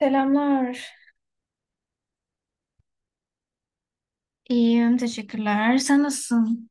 Selamlar. İyiyim, teşekkürler. Sen nasılsın?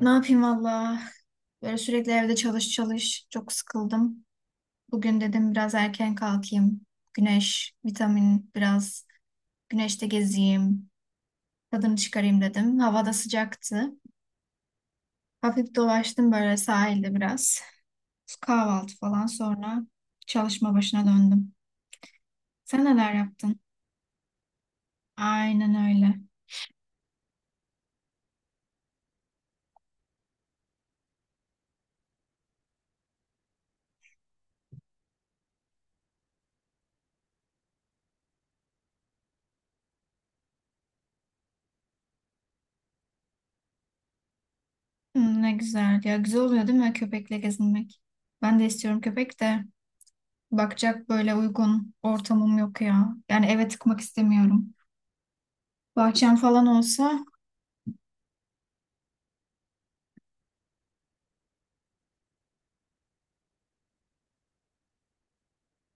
Ne yapayım valla? Böyle sürekli evde çalış çalış. Çok sıkıldım. Bugün dedim biraz erken kalkayım. Güneş, vitamin biraz. Güneşte gezeyim. Tadını çıkarayım dedim. Hava da sıcaktı. Hafif dolaştım böyle sahilde biraz. Kahvaltı falan sonra çalışma başına döndüm. Sen neler yaptın? Aynen öyle. Hı, ne güzel. Ya güzel oluyor değil mi köpekle gezinmek? Ben de istiyorum köpek de. Bakacak böyle uygun ortamım yok ya. Yani eve tıkmak istemiyorum. Bahçem falan olsa.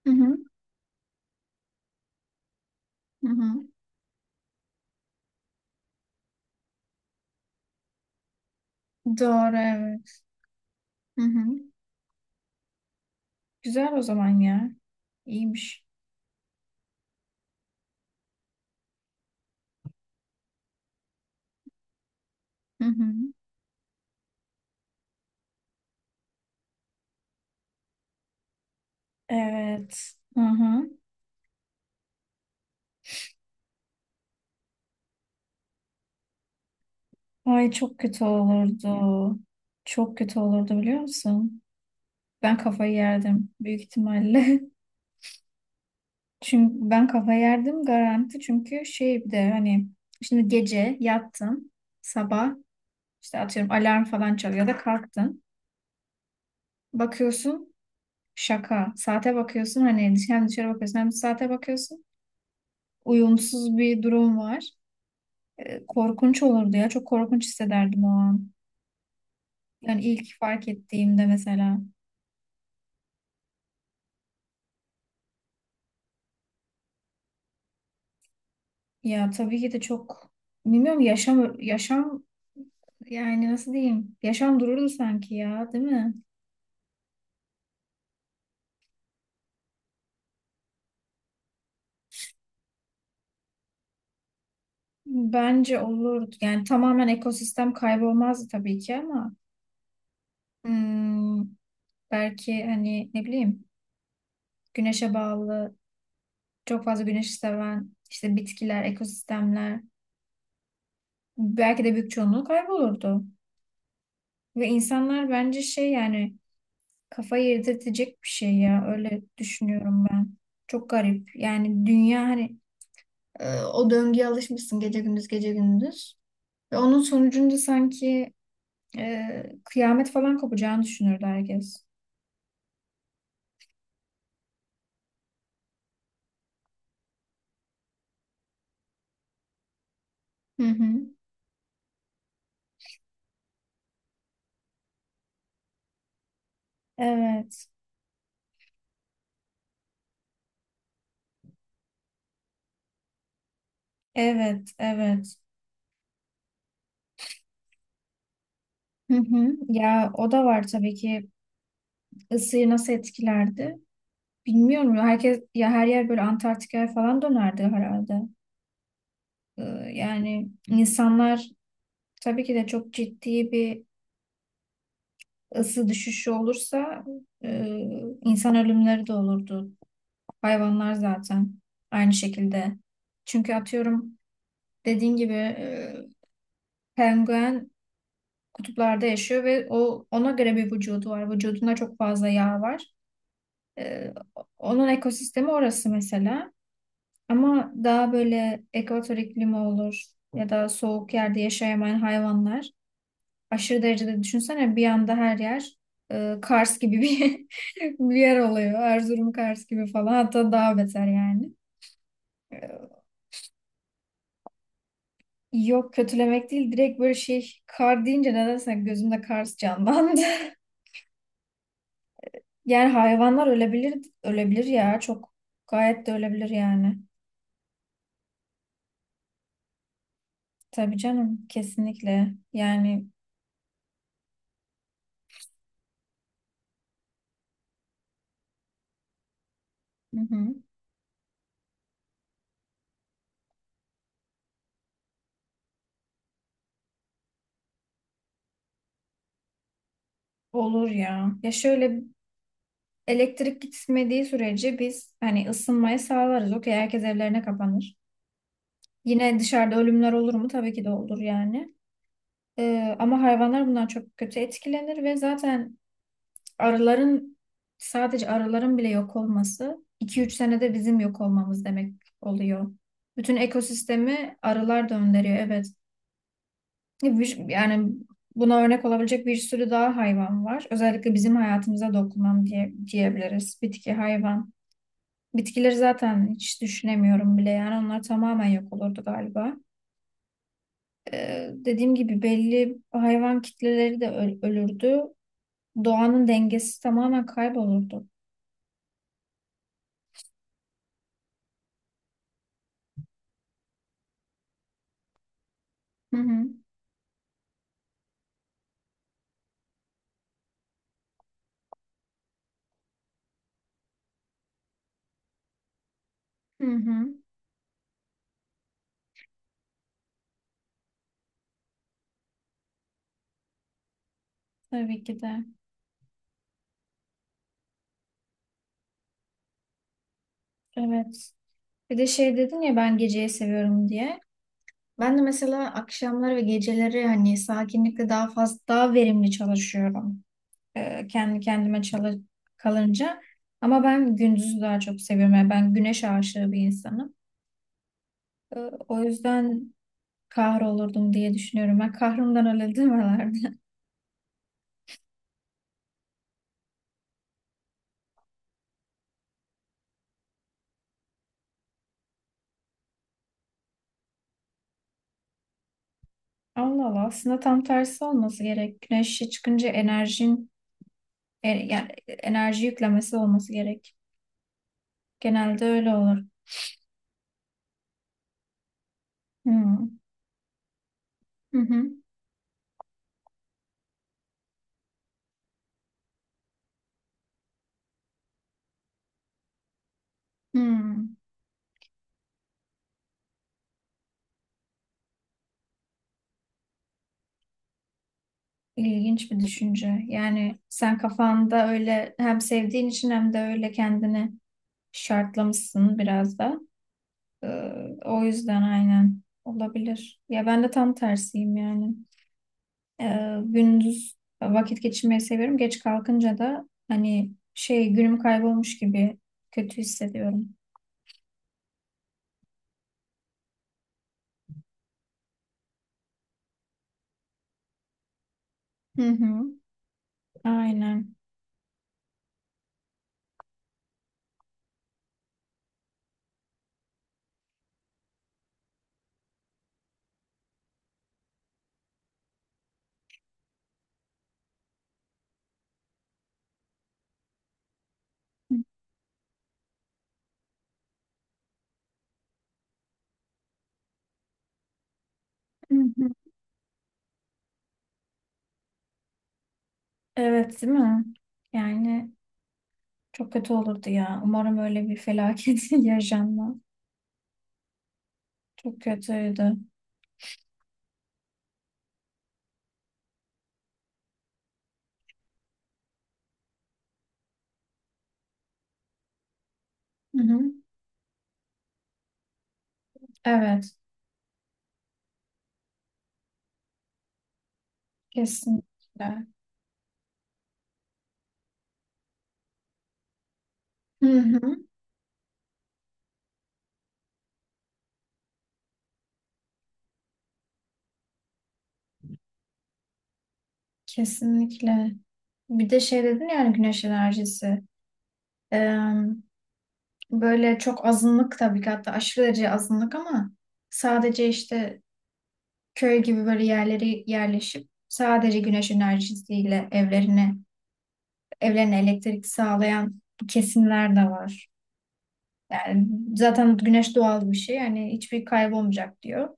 Hı hı, hı hı. Doğru evet. Hı hı. Güzel o zaman ya. İyiymiş. Hı hı. Evet. Hı hı. Ay çok kötü olurdu. Çok kötü olurdu biliyor musun? Ben kafayı yerdim büyük ihtimalle. Çünkü ben kafayı yerdim garanti. Çünkü şey bir de hani şimdi gece yattın. Sabah işte atıyorum alarm falan çalıyor ya da kalktın. Bakıyorsun şaka. Saate bakıyorsun hani hem dışarı bakıyorsun hem de saate bakıyorsun. Uyumsuz bir durum var. Korkunç olurdu ya. Çok korkunç hissederdim o an. Yani ilk fark ettiğimde mesela. Ya tabii ki de çok bilmiyorum yaşam yani nasıl diyeyim? Yaşam dururdu sanki ya, değil mi? Bence olurdu. Yani tamamen ekosistem kaybolmazdı tabii ki ama hmm, belki hani ne bileyim güneşe bağlı çok fazla güneş seven işte bitkiler, ekosistemler belki de büyük çoğunluğu kaybolurdu. Ve insanlar bence şey yani kafayı yedirtecek bir şey ya öyle düşünüyorum ben. Çok garip. Yani dünya hani o döngüye alışmışsın gece gündüz gece gündüz. Ve onun sonucunda sanki kıyamet falan kopacağını düşünürdü herkes. Hı hı. Evet, evet, evet. Hı hı. Ya o da var tabii ki ısıyı nasıl etkilerdi? Bilmiyorum ya herkes ya her yer böyle Antarktika'ya falan dönerdi herhalde. Ee, yani insanlar tabii ki de çok ciddi bir ısı düşüşü olursa e, insan ölümleri de olurdu. Hayvanlar zaten aynı şekilde. Çünkü atıyorum dediğin gibi penguen kutuplarda yaşıyor ve o ona göre bir vücudu var. Vücudunda çok fazla yağ var. Ee, onun ekosistemi orası mesela. Ama daha böyle ekvator iklimi olur ya da soğuk yerde yaşayamayan hayvanlar aşırı derecede düşünsene bir anda her yer Kars gibi bir, bir yer oluyor. Erzurum Kars gibi falan hatta daha beter yani. Yok kötülemek değil direkt böyle şey kar deyince nedense gözümde Kars canlandı. Yani hayvanlar ölebilir ölebilir ya çok gayet de ölebilir yani. Tabii canım kesinlikle yani, hı hı. Olur ya. Ya şöyle elektrik gitmediği sürece biz hani ısınmayı sağlarız. Okey herkes evlerine kapanır. Yine dışarıda ölümler olur mu? Tabii ki de olur yani. Ama hayvanlar bundan çok kötü etkilenir ve zaten arıların sadece arıların bile yok olması 2-3 senede bizim yok olmamız demek oluyor. Bütün ekosistemi arılar döndürüyor evet. Yani buna örnek olabilecek bir sürü daha hayvan var. Özellikle bizim hayatımıza dokunan diye, diyebiliriz. Bitki, hayvan. Bitkileri zaten hiç düşünemiyorum bile yani onlar tamamen yok olurdu galiba. Dediğim gibi belli hayvan kitleleri de ölürdü. Doğanın dengesi tamamen kaybolurdu. Hı hı. Hı hı. Tabii ki de. Evet. Bir de şey dedin ya ben geceyi seviyorum diye. Ben de mesela akşamları ve geceleri hani sakinlikle daha fazla daha verimli çalışıyorum. Kendi kendime çalış kalınca. Ama ben gündüzü daha çok seviyorum. Yani ben güneş aşığı bir insanım. E, O yüzden kahrolurdum diye düşünüyorum. Ben kahrımdan öyle demelerdi. Allah Allah aslında tam tersi olması gerek. Güneşe çıkınca enerjin yani enerji yüklemesi olması gerek. Genelde öyle olur. Hmm. Hı hı. Hmm. İlginç bir düşünce. Yani sen kafanda öyle hem sevdiğin için hem de öyle kendini şartlamışsın biraz da. Ee, o yüzden aynen olabilir. Ya ben de tam tersiyim yani. Gündüz vakit geçirmeyi seviyorum. Geç kalkınca da hani şey günüm kaybolmuş gibi kötü hissediyorum. Hı hı. Aynen. Hı hı. Evet, değil mi? Yani çok kötü olurdu ya. Umarım öyle bir felaket yaşanmaz. Çok kötüydü. Hı hı. Evet, kesinlikle. Hı hı. Kesinlikle. Bir de şey dedin yani güneş enerjisi. Böyle çok azınlık tabii ki hatta aşırı derece azınlık ama sadece işte köy gibi böyle yerlere yerleşip sadece güneş enerjisiyle evlerine elektrik sağlayan kesimler de var. Yani zaten güneş doğal bir şey yani hiçbir kaybolmayacak diyor.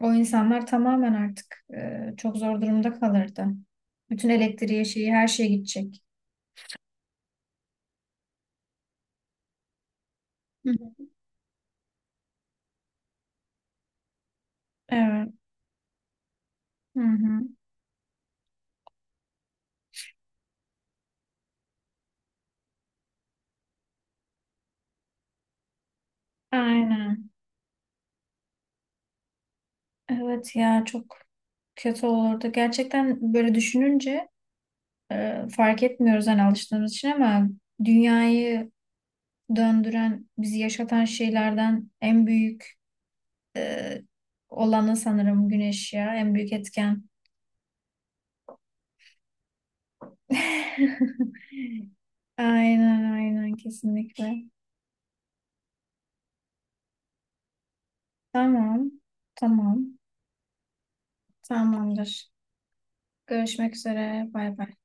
O insanlar tamamen artık çok zor durumda kalırdı. Bütün elektriği şeyi her şey gidecek. Hı hı. Evet. Hı hı. Aynen. Evet ya çok kötü olurdu. Gerçekten böyle düşününce fark etmiyoruz hani alıştığımız için ama dünyayı döndüren, bizi yaşatan şeylerden en büyük e, olanı sanırım güneş ya. En büyük etken. Aynen aynen kesinlikle. Tamam. Tamam. Tamamdır. Görüşmek üzere. Bay bay.